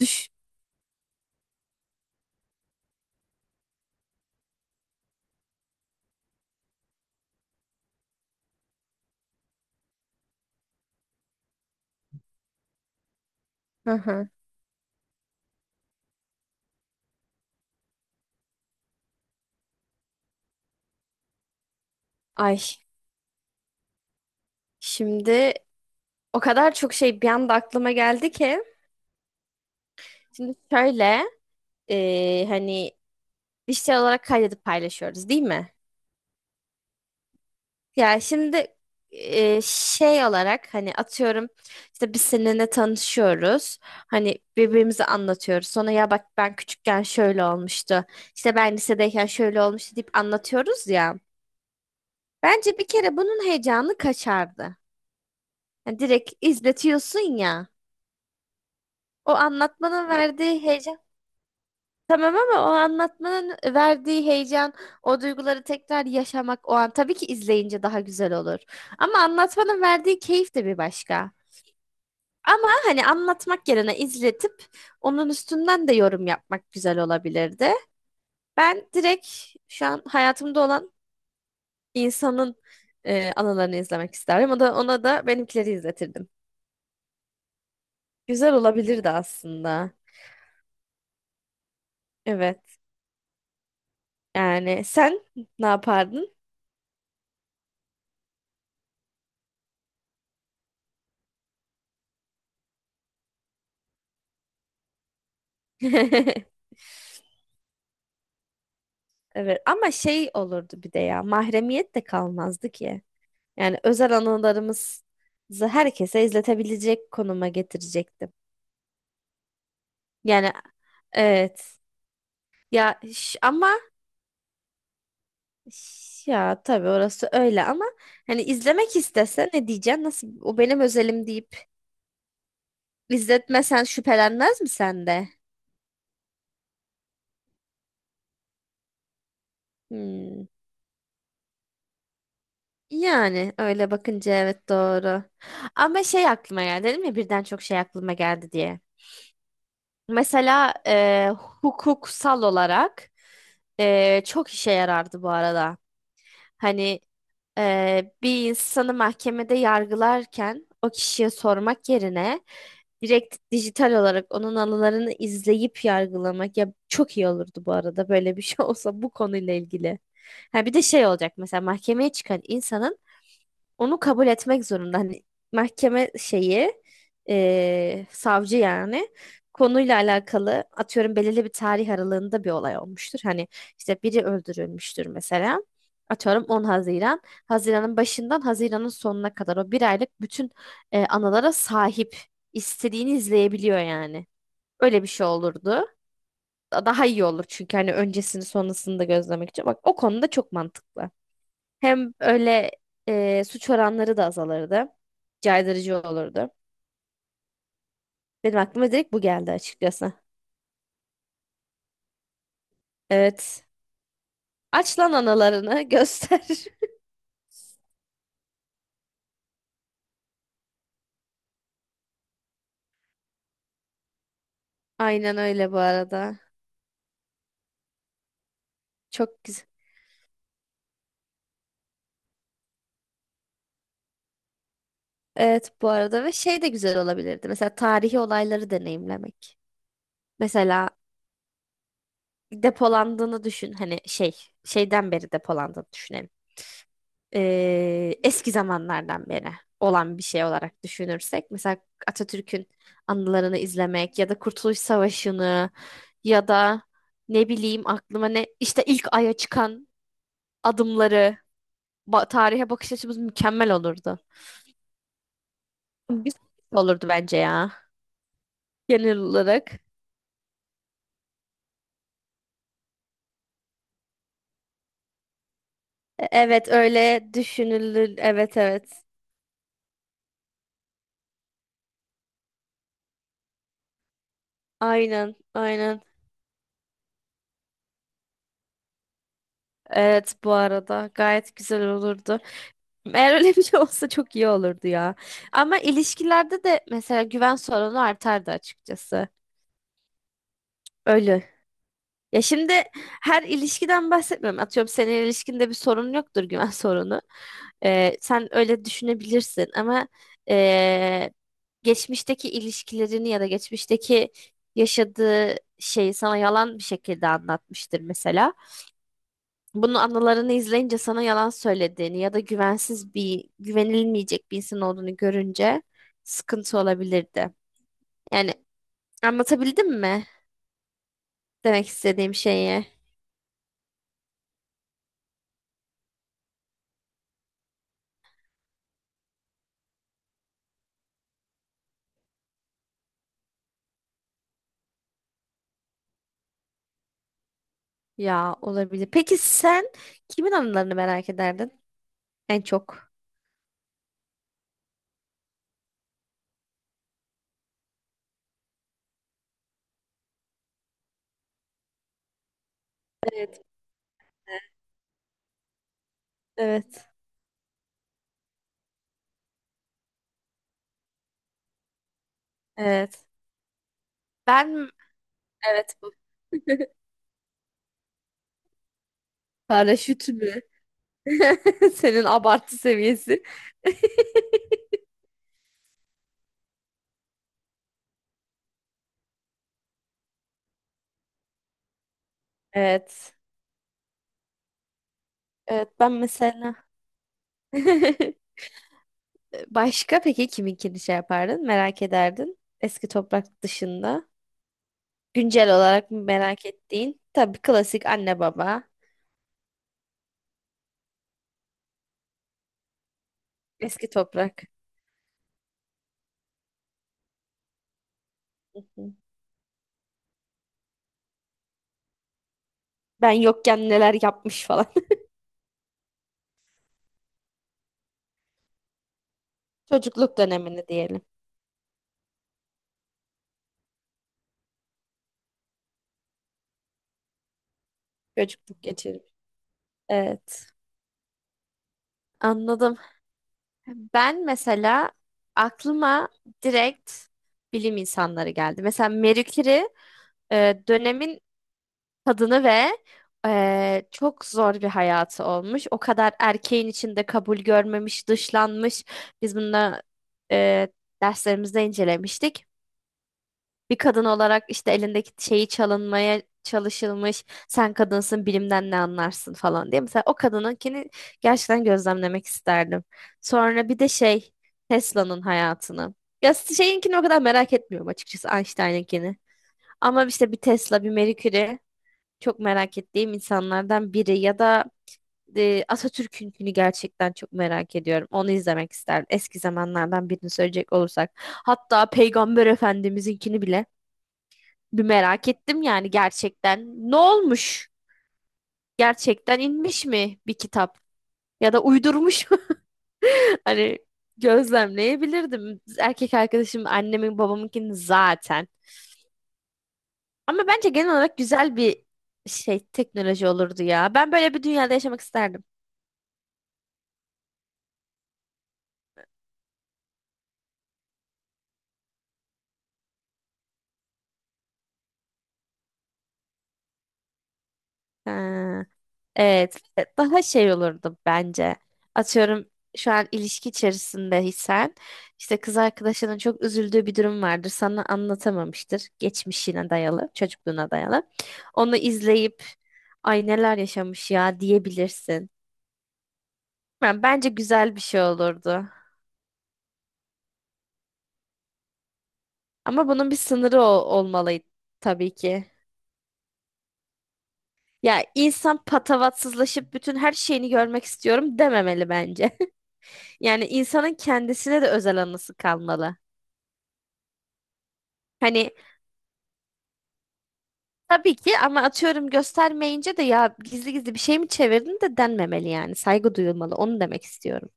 Düş. Hı hı. Ay, şimdi o kadar çok şey bir anda aklıma geldi ki. Şimdi şöyle hani dijital olarak kaydedip paylaşıyoruz değil mi? Ya şimdi şey olarak hani atıyorum işte biz seninle tanışıyoruz. Hani birbirimize anlatıyoruz. Sonra ya bak, ben küçükken şöyle olmuştu. İşte ben lisedeyken şöyle olmuştu deyip anlatıyoruz ya. Bence bir kere bunun heyecanı kaçardı. Yani direkt izletiyorsun ya. O anlatmanın verdiği heyecan. Tamam, ama o anlatmanın verdiği heyecan, o duyguları tekrar yaşamak, o an tabii ki izleyince daha güzel olur. Ama anlatmanın verdiği keyif de bir başka. Ama hani anlatmak yerine izletip onun üstünden de yorum yapmak güzel olabilirdi. Ben direkt şu an hayatımda olan insanın anılarını izlemek isterdim. O da ona da benimkileri izletirdim. Güzel olabilirdi aslında. Evet. Yani sen ne yapardın? Evet, ama şey olurdu bir de ya, mahremiyet de kalmazdı ki. Yani özel anılarımızı herkese izletebilecek konuma getirecektim. Yani evet, ya ama ya tabii, orası öyle ama hani izlemek istese ne diyeceksin? Nasıl, o benim özelim deyip izletmesen şüphelenmez mi sen de? Hmm. Yani öyle bakınca evet, doğru. Ama şey aklıma geldi, dedim ya birden çok şey aklıma geldi diye. Mesela hukuksal olarak çok işe yarardı bu arada. Hani bir insanı mahkemede yargılarken o kişiye sormak yerine direkt dijital olarak onun anılarını izleyip yargılamak ya, çok iyi olurdu bu arada böyle bir şey olsa bu konuyla ilgili. Ha, bir de şey olacak, mesela mahkemeye çıkan insanın onu kabul etmek zorunda. Hani mahkeme şeyi, savcı yani, konuyla alakalı atıyorum belirli bir tarih aralığında bir olay olmuştur. Hani işte biri öldürülmüştür mesela. Atıyorum 10 Haziran. Haziran'ın başından Haziran'ın sonuna kadar o bir aylık bütün anılara sahip. İstediğini izleyebiliyor yani. Öyle bir şey olurdu. Daha iyi olur çünkü hani öncesini sonrasını da gözlemek için. Bak, o konuda çok mantıklı. Hem öyle suç oranları da azalırdı. Caydırıcı olurdu. Benim aklıma direkt bu geldi açıkçası. Evet. Aç lan analarını göster. Aynen öyle bu arada. Çok güzel. Evet, bu arada ve şey de güzel olabilirdi. Mesela tarihi olayları deneyimlemek. Mesela depolandığını düşün. Hani şey, şeyden beri depolandığını düşünelim. Eski zamanlardan beri olan bir şey olarak düşünürsek mesela Atatürk'ün anılarını izlemek ya da Kurtuluş Savaşı'nı ya da ne bileyim, aklıma ne, işte ilk aya çıkan adımları, tarihe bakış açımız mükemmel olurdu. Güzel olurdu bence ya, genel olarak. Evet, öyle düşünülür. Evet, evet. Aynen, aynen. Evet, bu arada gayet güzel olurdu. Eğer öyle bir şey olsa çok iyi olurdu ya. Ama ilişkilerde de mesela güven sorunu artardı açıkçası. Öyle. Ya şimdi, her ilişkiden bahsetmiyorum. Atıyorum senin ilişkinde bir sorun yoktur, güven sorunu. Sen öyle düşünebilirsin ama ee, geçmişteki ilişkilerini ya da geçmişteki yaşadığı şeyi sana yalan bir şekilde anlatmıştır mesela. Bunun anılarını izleyince sana yalan söylediğini ya da güvensiz bir, güvenilmeyecek bir insan olduğunu görünce sıkıntı olabilirdi. Yani anlatabildim mi demek istediğim şeyi? Ya, olabilir. Peki sen kimin anılarını merak ederdin en çok? Evet. Evet. Evet. Ben, evet, bu. Paraşüt mü? Senin abartı seviyesi. Evet. Evet, ben mesela Başka peki kiminkini şey yapardın? Merak ederdin. Eski toprak dışında. Güncel olarak mı merak ettiğin? Tabii klasik anne baba. Eski toprak. Hı hı. Ben yokken neler yapmış falan. Çocukluk dönemini diyelim. Çocukluk geçirmiş. Evet. Anladım. Ben mesela aklıma direkt bilim insanları geldi. Mesela Marie Curie, dönemin kadını ve çok zor bir hayatı olmuş. O kadar erkeğin içinde kabul görmemiş, dışlanmış. Biz bunu eee derslerimizde incelemiştik. Bir kadın olarak işte elindeki şeyi çalınmaya çalışılmış. Sen kadınsın, bilimden ne anlarsın falan diye. Mesela o kadınınkini gerçekten gözlemlemek isterdim. Sonra bir de şey, Tesla'nın hayatını. Ya, şeyinkini o kadar merak etmiyorum açıkçası, Einstein'ınkini. Ama işte bir Tesla, bir Mercury çok merak ettiğim insanlardan biri, ya da Atatürk'ünkünü gerçekten çok merak ediyorum. Onu izlemek isterdim. Eski zamanlardan birini söyleyecek olursak. Hatta Peygamber Efendimiz'inkini bile bir merak ettim yani, gerçekten. Ne olmuş? Gerçekten inmiş mi bir kitap? Ya da uydurmuş mu? Hani gözlemleyebilirdim. Erkek arkadaşım, annemin babamınkini zaten. Ama bence genel olarak güzel bir şey, teknoloji olurdu ya. Ben böyle bir dünyada yaşamak isterdim. Ha. Evet, ve daha şey olurdu bence. Atıyorum şu an ilişki içerisindeysen işte kız arkadaşının çok üzüldüğü bir durum vardır. Sana anlatamamıştır. Geçmişine dayalı, çocukluğuna dayalı. Onu izleyip ay, neler yaşamış ya diyebilirsin. Yani bence güzel bir şey olurdu. Ama bunun bir sınırı olmalı tabii ki. Ya, insan patavatsızlaşıp bütün her şeyini görmek istiyorum dememeli bence. Yani insanın kendisine de özel anısı kalmalı. Hani tabii ki, ama atıyorum göstermeyince de ya, gizli gizli bir şey mi çevirdin de denmemeli yani. Saygı duyulmalı. Onu demek istiyorum.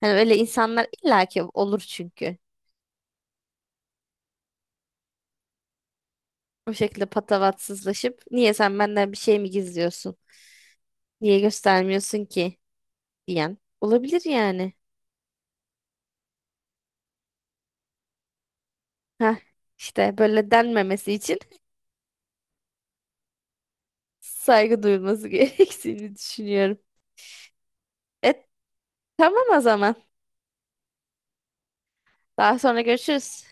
Hani öyle insanlar illaki olur çünkü. Bu şekilde patavatsızlaşıp niye sen benden bir şey mi gizliyorsun? Niye göstermiyorsun ki? Diyen olabilir yani. Heh, işte böyle denmemesi için saygı duyulması gerektiğini düşünüyorum. E tamam, o zaman. Daha sonra görüşürüz.